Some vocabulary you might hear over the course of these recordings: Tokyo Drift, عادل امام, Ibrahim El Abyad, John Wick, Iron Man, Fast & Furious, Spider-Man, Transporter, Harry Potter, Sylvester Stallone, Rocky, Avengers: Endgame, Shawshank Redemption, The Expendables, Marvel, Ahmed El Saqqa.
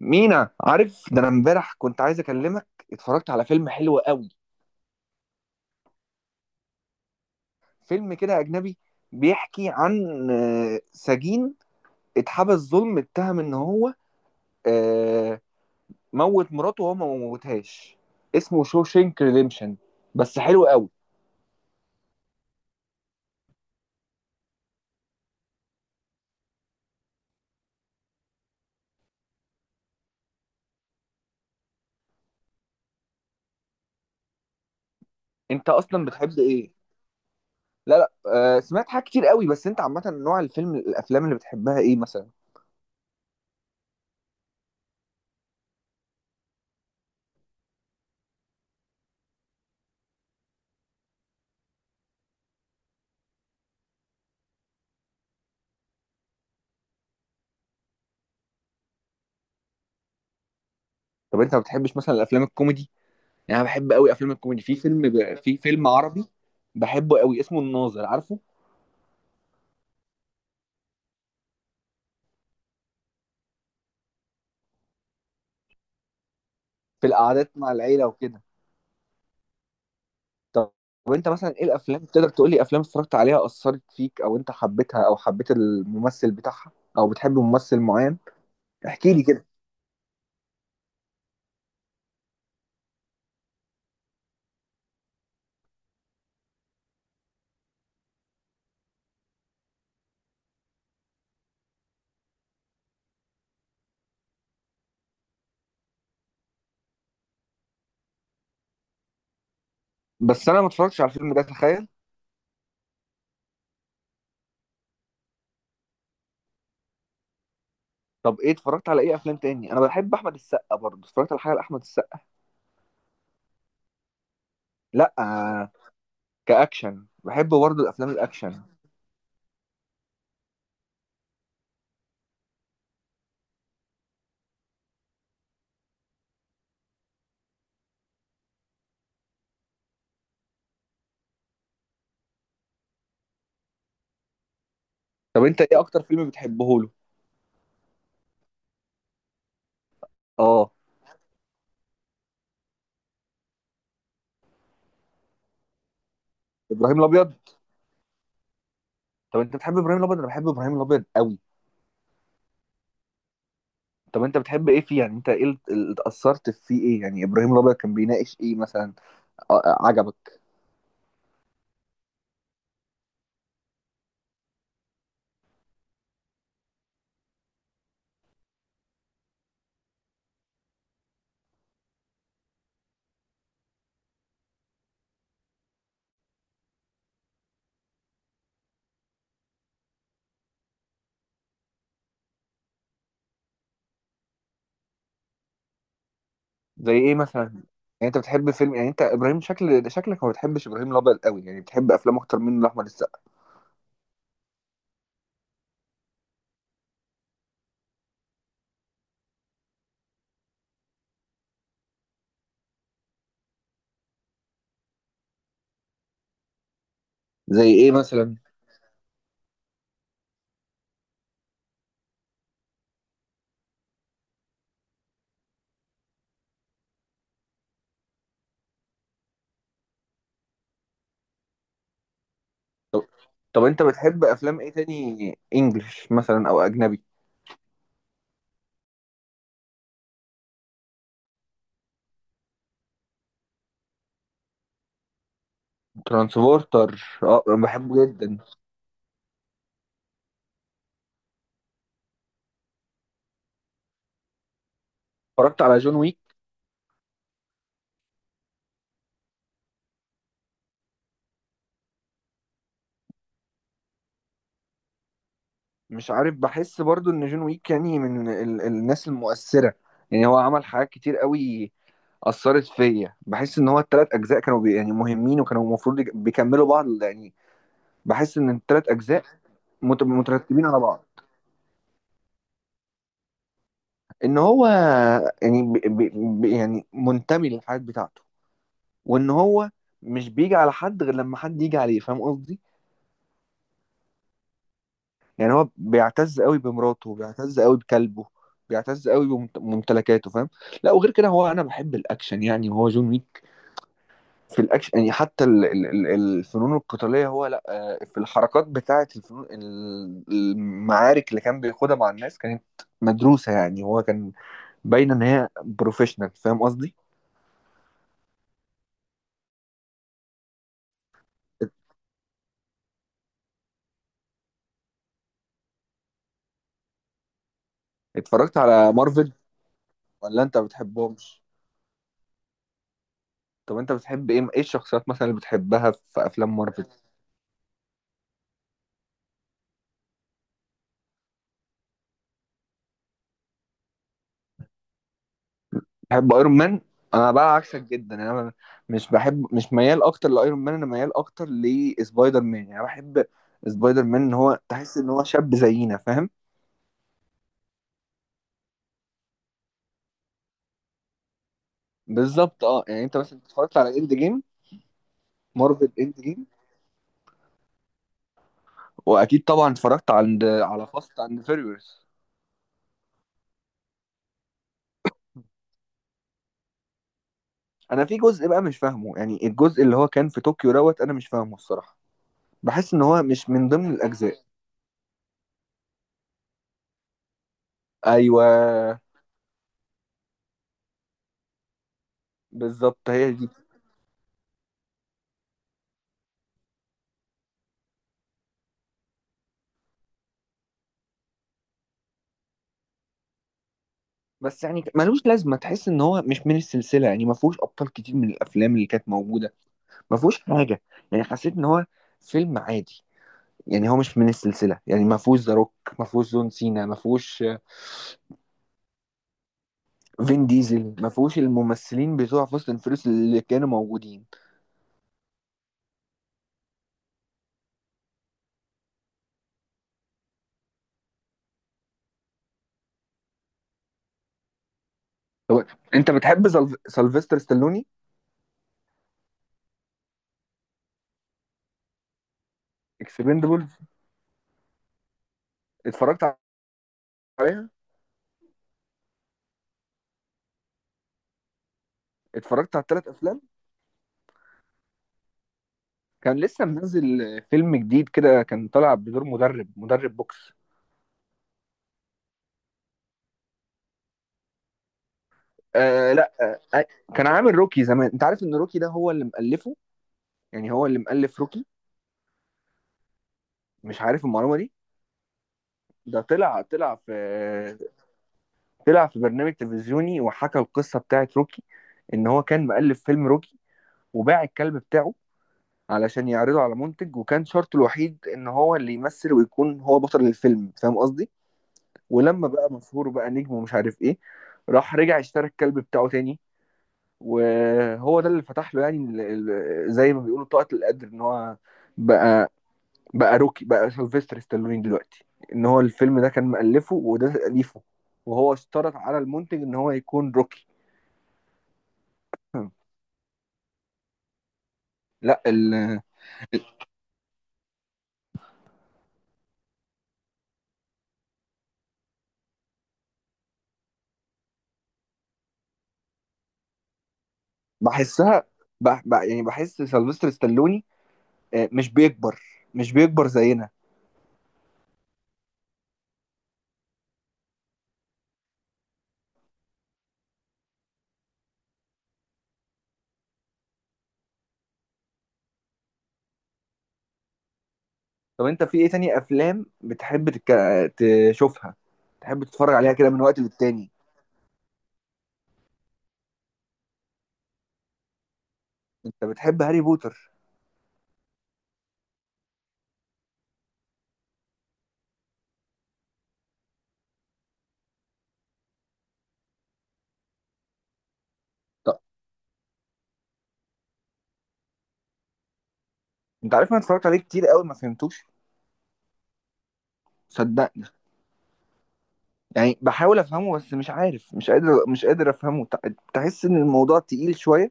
مينا، عارف ده، انا امبارح كنت عايز اكلمك. اتفرجت على فيلم حلو قوي. فيلم كده اجنبي. بيحكي عن سجين اتحبس ظلم، اتهم ان هو آه، موت مراته وهو ما موتهاش. اسمه شوشينك ريديمشن، بس حلو قوي. انت اصلا بتحب ايه؟ لا لا. سمعت حاجات كتير قوي، بس انت عامه نوع الافلام اللي بتحبها ايه مثلا؟ طب انت ما بتحبش مثلا الافلام الكوميدي؟ يعني انا بحب قوي افلام الكوميدي. في فيلم عربي بحبه قوي، اسمه الناظر، عارفه؟ في القعدات مع العيلة وكده. طب وانت مثلا ايه الافلام؟ تقدر تقول لي افلام اتفرجت عليها اثرت فيك، او انت حبيتها، او حبيت الممثل بتاعها؟ او بتحب ممثل معين؟ احكي لي كده. بس انا ما اتفرجتش على الفيلم ده، تخيل. طب ايه اتفرجت على ايه افلام تاني؟ انا بحب احمد السقا، برضه اتفرجت على حاجه لاحمد السقا. لا كاكشن، بحب برضه الافلام الاكشن. طب انت ايه اكتر فيلم بتحبه له؟ اه، ابراهيم الابيض. طب انت بتحب ابراهيم الابيض؟ انا بحب ابراهيم الابيض قوي. طب انت بتحب ايه فيه؟ يعني انت ايه اللي اتأثرت فيه؟ ايه يعني ابراهيم الابيض كان بيناقش ايه مثلا؟ عجبك؟ زي ايه مثلا يعني؟ انت بتحب فيلم؟ يعني انت ابراهيم، شكلك ما بتحبش ابراهيم الابيض قوي، يعني بتحب افلام اكتر منه لاحمد السقا. زي ايه مثلا؟ طب, طب انت بتحب افلام ايه تاني؟ انجلش مثلا او اجنبي؟ ترانسبورتر، اه، انا بحبه جدا. اتفرجت على جون ويك؟ مش عارف، بحس برضو ان جون ويك يعني من الناس المؤثرة. يعني هو عمل حاجات كتير قوي اثرت فيا. بحس ان هو الثلاث اجزاء كانوا يعني مهمين، وكانوا المفروض بيكملوا بعض يعني. بحس ان الثلاث اجزاء مترتبين على بعض. ان هو يعني يعني منتمي للحياة بتاعته، وان هو مش بيجي على حد غير لما حد يجي عليه، فاهم قصدي؟ يعني هو بيعتز قوي بمراته، بيعتز قوي بكلبه، بيعتز قوي بممتلكاته، فاهم؟ لا، وغير كده هو انا بحب الاكشن، يعني وهو جون ويك في الاكشن. يعني حتى الفنون القتاليه، هو لا في الحركات بتاعه، الفنون المعارك اللي كان بياخدها مع الناس كانت مدروسه. يعني هو كان باين ان هي بروفيشنال، فاهم قصدي؟ اتفرجت على مارفل؟ ولا انت بتحبهمش؟ طب انت بتحب ايه الشخصيات مثلا اللي بتحبها في افلام مارفل؟ بحب ايرون مان. انا بقى عكسك جدا، يعني انا مش ميال اكتر لايرون مان، انا ميال اكتر لسبايدر مان، يعني أنا بحب سبايدر مان. ان هو تحس ان هو شاب زينا، فاهم؟ بالظبط، اه، يعني انت مثلا اتفرجت على اند جيم؟ مارفل اند جيم. واكيد طبعا اتفرجت على فاست اند فيريوس. انا في جزء بقى مش فاهمه يعني، الجزء اللي هو كان في طوكيو دوت، انا مش فاهمه الصراحه. بحس ان هو مش من ضمن الاجزاء. ايوه بالظبط، هي دي. بس يعني ملوش لازمه. تحس ان هو مش من السلسله، يعني ما فيهوش ابطال كتير من الافلام اللي كانت موجوده، ما فيهوش حاجه. يعني حسيت ان هو فيلم عادي. يعني هو مش من السلسله، يعني ما فيهوش ذا روك، ما فيهوش جون سينا، ما فيهوش فين ديزل، ما فيهوش الممثلين بتوع فاست اند فيريوس اللي كانوا موجودين. طب انت بتحب سلفستر ستالوني؟ اكسبندبل، اتفرجت عليها. اتفرجت على الثلاث افلام. كان لسه منزل فيلم جديد كده، كان طالع بدور مدرب بوكس. آه، لا، آه، كان عامل روكي زمان. انت عارف ان روكي ده هو اللي مؤلفه؟ يعني هو اللي مؤلف روكي. مش عارف المعلومة دي. ده طلع في برنامج تلفزيوني، وحكى القصة بتاعت روكي. ان هو كان مؤلف فيلم روكي، وباع الكلب بتاعه علشان يعرضه على منتج، وكان شرطه الوحيد ان هو اللي يمثل ويكون هو بطل الفيلم، فاهم قصدي؟ ولما بقى مشهور، بقى نجم ومش عارف ايه، راح رجع اشترى الكلب بتاعه تاني. وهو ده اللي فتح له، يعني زي ما بيقولوا طاقة القدر، ان هو بقى بقى روكي، بقى سيلفستر ستالوني دلوقتي. ان هو الفيلم ده كان مؤلفه وده تأليفه، وهو اشترط على المنتج ان هو يكون روكي. لا بحسها، يعني بحس سيلفستر ستالوني مش بيكبر، مش بيكبر زينا. طب انت في ايه تاني افلام بتحب تشوفها، تحب تتفرج عليها كده من وقت للتاني؟ انت بتحب هاري بوتر؟ طب انت عارف انا اتفرجت عليه كتير قوي، ما فهمتوش، صدقني. يعني بحاول افهمه بس مش عارف، مش قادر افهمه. تحس ان الموضوع تقيل شويه.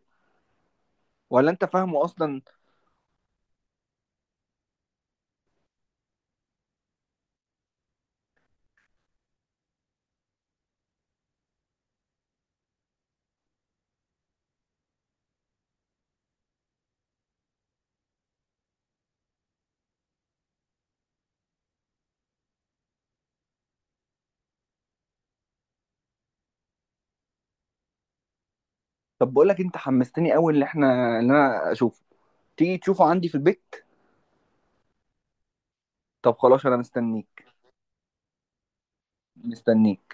ولا انت فاهمه اصلا؟ طب بقول لك انت حمستني قوي. اللي انا اشوفه، تيجي تشوفه عندي في البيت؟ طب خلاص، انا مستنيك. مستنيك.